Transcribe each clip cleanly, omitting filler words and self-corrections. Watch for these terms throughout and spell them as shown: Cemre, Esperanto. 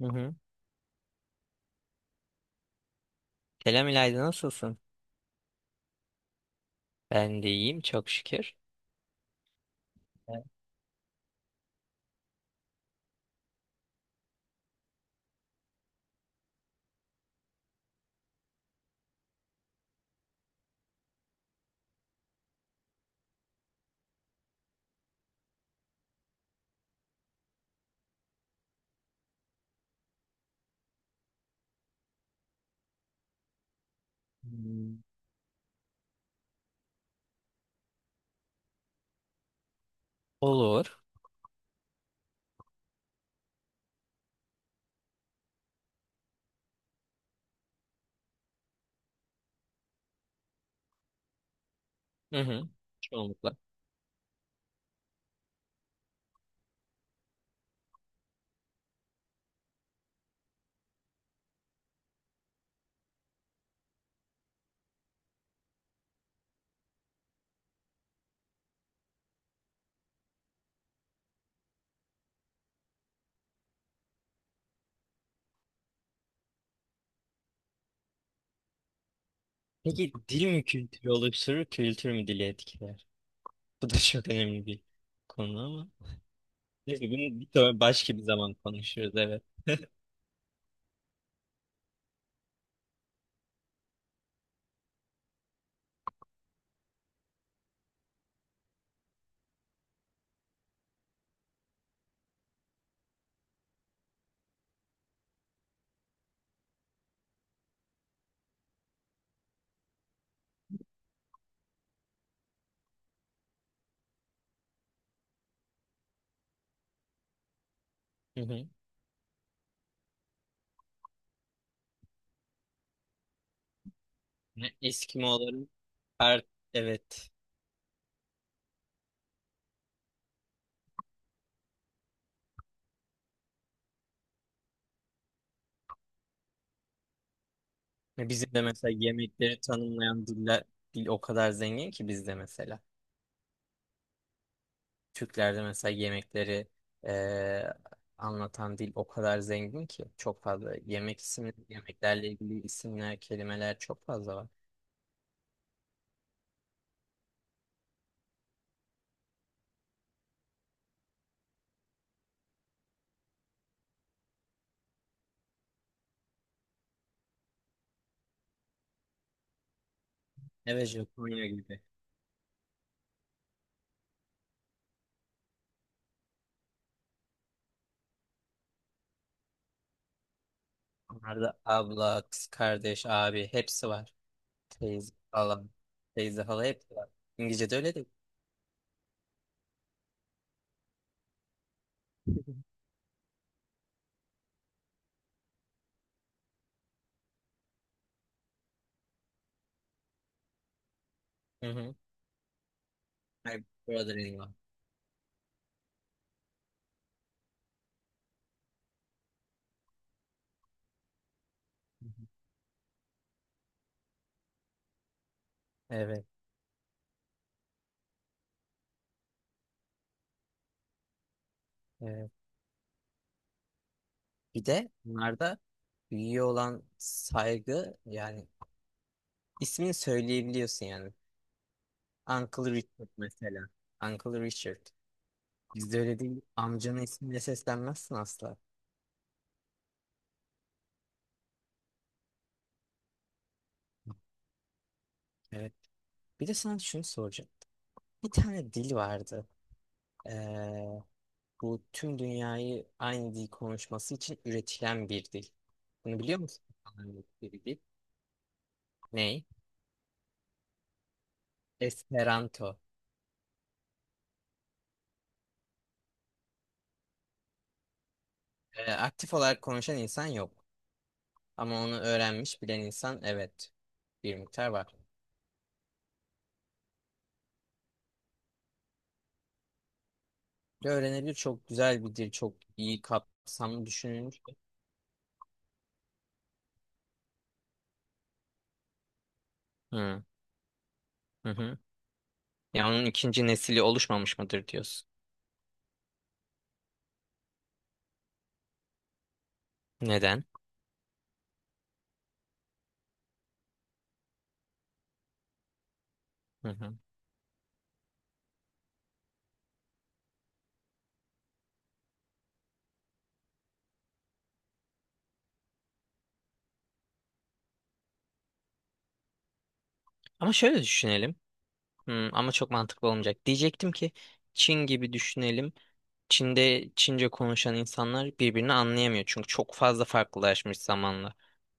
Hı hı. Selam İlayda, nasılsın? Ben de iyiyim, çok şükür. Evet. Hmm. Olur. Hı hı. Çoğunlukla. Peki dil mi kültürü oluşturur, kültür mü dili etkiler? Bu da çok önemli bir konu ama. Neyse, bunu bir sonra başka bir zaman konuşuruz, evet. Hı hı. Ne, Eskimoların her, evet. Bizim de mesela yemekleri tanımlayan diller, dil o kadar zengin ki bizde mesela. Türklerde mesela yemekleri e, anlatan dil o kadar zengin ki çok fazla yemek ismi, yemeklerle ilgili isimler, kelimeler çok fazla var. Evet, Japonya gibi. Onlarda abla, kız kardeş, abi hepsi var. Teyze, hala, teyze, hala hepsi var. İngilizce'de öyle değil. Hı hı. My brother in law. Hı hı. Evet, evet. Bir de bunlarda büyüğe olan saygı, yani ismini söyleyebiliyorsun yani. Uncle Richard mesela. Uncle Richard. Bizde öyle değil. Amcanın ismiyle seslenmezsin asla. Evet. Bir de sana şunu soracağım. Bir tane dil vardı. Ee, bu tüm dünyayı aynı dil konuşması için üretilen bir dil. Bunu biliyor musun? Bir dil. Ney? Esperanto. Aktif olarak konuşan insan yok. Ama onu öğrenmiş bilen insan, evet. Bir miktar var. Ve öğrenebilir, çok güzel bir dil. Çok iyi kapsamlı düşünülmüş. Hı hı. Hı. Ya onun ikinci nesili oluşmamış mıdır diyorsun. Neden? Hı hı. Ama şöyle düşünelim. Hmm, ama çok mantıklı olmayacak. Diyecektim ki Çin gibi düşünelim. Çin'de Çince konuşan insanlar birbirini anlayamıyor. Çünkü çok fazla farklılaşmış zamanla.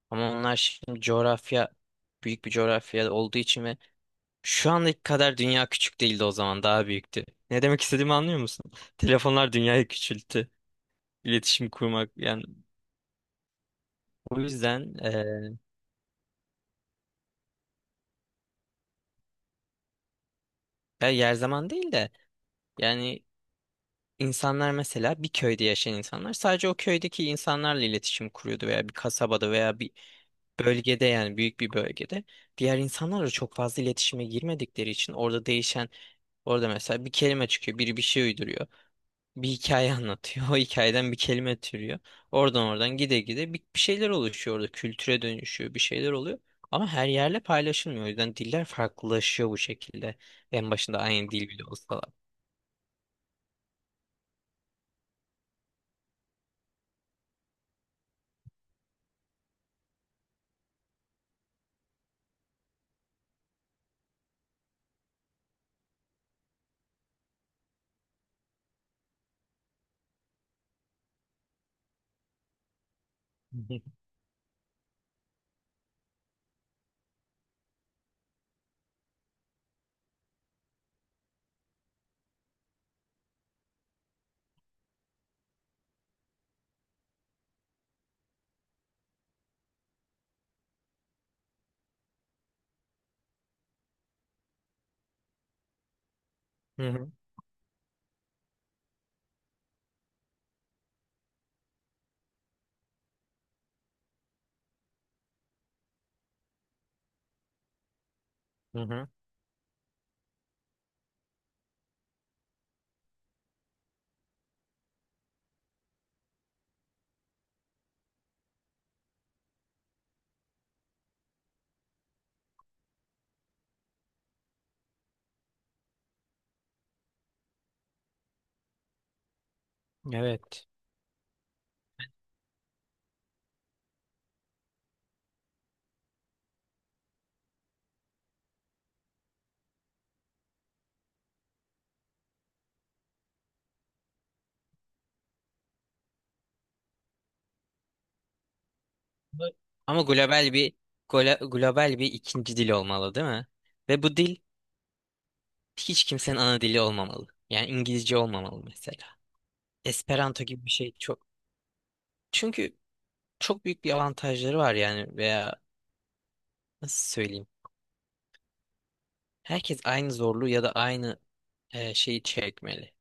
Ama onlar şimdi coğrafya, büyük bir coğrafya olduğu için ve şu andaki kadar dünya küçük değildi, o zaman daha büyüktü. Ne demek istediğimi anlıyor musun? Telefonlar dünyayı küçülttü. İletişim kurmak yani, o yüzden ya yer zaman değil de yani İnsanlar mesela bir köyde yaşayan insanlar sadece o köydeki insanlarla iletişim kuruyordu veya bir kasabada veya bir bölgede, yani büyük bir bölgede diğer insanlarla çok fazla iletişime girmedikleri için orada değişen, orada mesela bir kelime çıkıyor, biri bir şey uyduruyor, bir hikaye anlatıyor, o hikayeden bir kelime türüyor, oradan oradan gide gide bir şeyler oluşuyor, orada kültüre dönüşüyor, bir şeyler oluyor ama her yerle paylaşılmıyor, o yüzden diller farklılaşıyor bu şekilde, en başında aynı dil bile olsa. Hı hı. Hı hı. Evet. Bu- Ama global bir, global bir ikinci dil olmalı, değil mi? Ve bu dil hiç kimsenin ana dili olmamalı. Yani İngilizce olmamalı mesela. Esperanto gibi bir şey çok. Çünkü çok büyük bir avantajları var yani, veya nasıl söyleyeyim. Herkes aynı zorluğu ya da aynı şeyi çekmeli.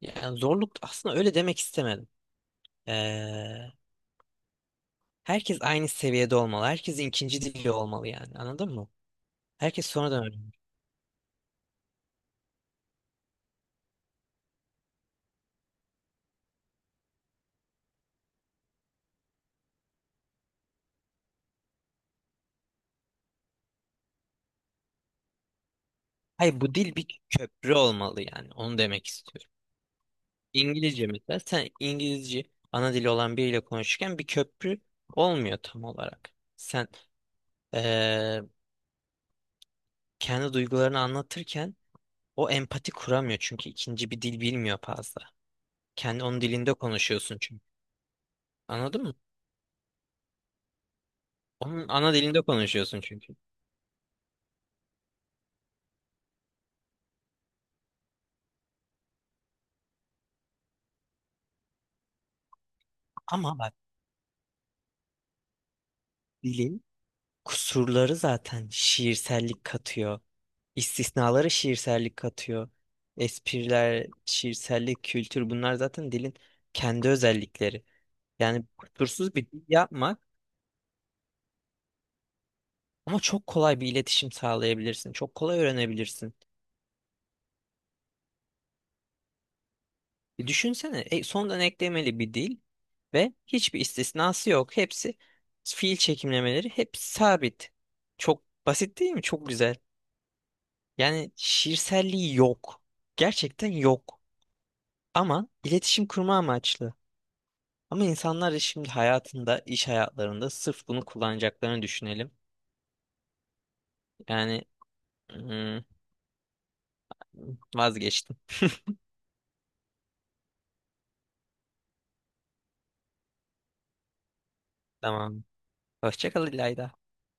Yani zorluk, aslında öyle demek istemedim. Eee, herkes aynı seviyede olmalı. Herkesin ikinci dili olmalı yani. Anladın mı? Herkes sonradan öğreniyor. Hayır, bu dil bir köprü olmalı yani. Onu demek istiyorum. İngilizce mesela, sen İngilizce ana dili olan biriyle konuşurken bir köprü olmuyor tam olarak. Sen eee, kendi duygularını anlatırken o empati kuramıyor, çünkü ikinci bir dil bilmiyor fazla. Kendi, onun dilinde konuşuyorsun çünkü. Anladın mı? Onun ana dilinde konuşuyorsun çünkü. Ama bak, dilin kusurları zaten şiirsellik katıyor. İstisnaları şiirsellik katıyor. Espriler, şiirsellik, kültür, bunlar zaten dilin kendi özellikleri. Yani kusursuz bir dil yapmak ama çok kolay bir iletişim sağlayabilirsin. Çok kolay öğrenebilirsin. Düşünsene, sondan eklemeli bir dil ve hiçbir istisnası yok. Hepsi, fiil çekimlemeleri hep sabit. Çok basit değil mi? Çok güzel. Yani şiirselliği yok. Gerçekten yok. Ama iletişim kurma amaçlı. Ama insanlar da şimdi hayatında, iş hayatlarında sırf bunu kullanacaklarını düşünelim. Yani, hmm, vazgeçtim. Tamam. Hoşça kal İlayda.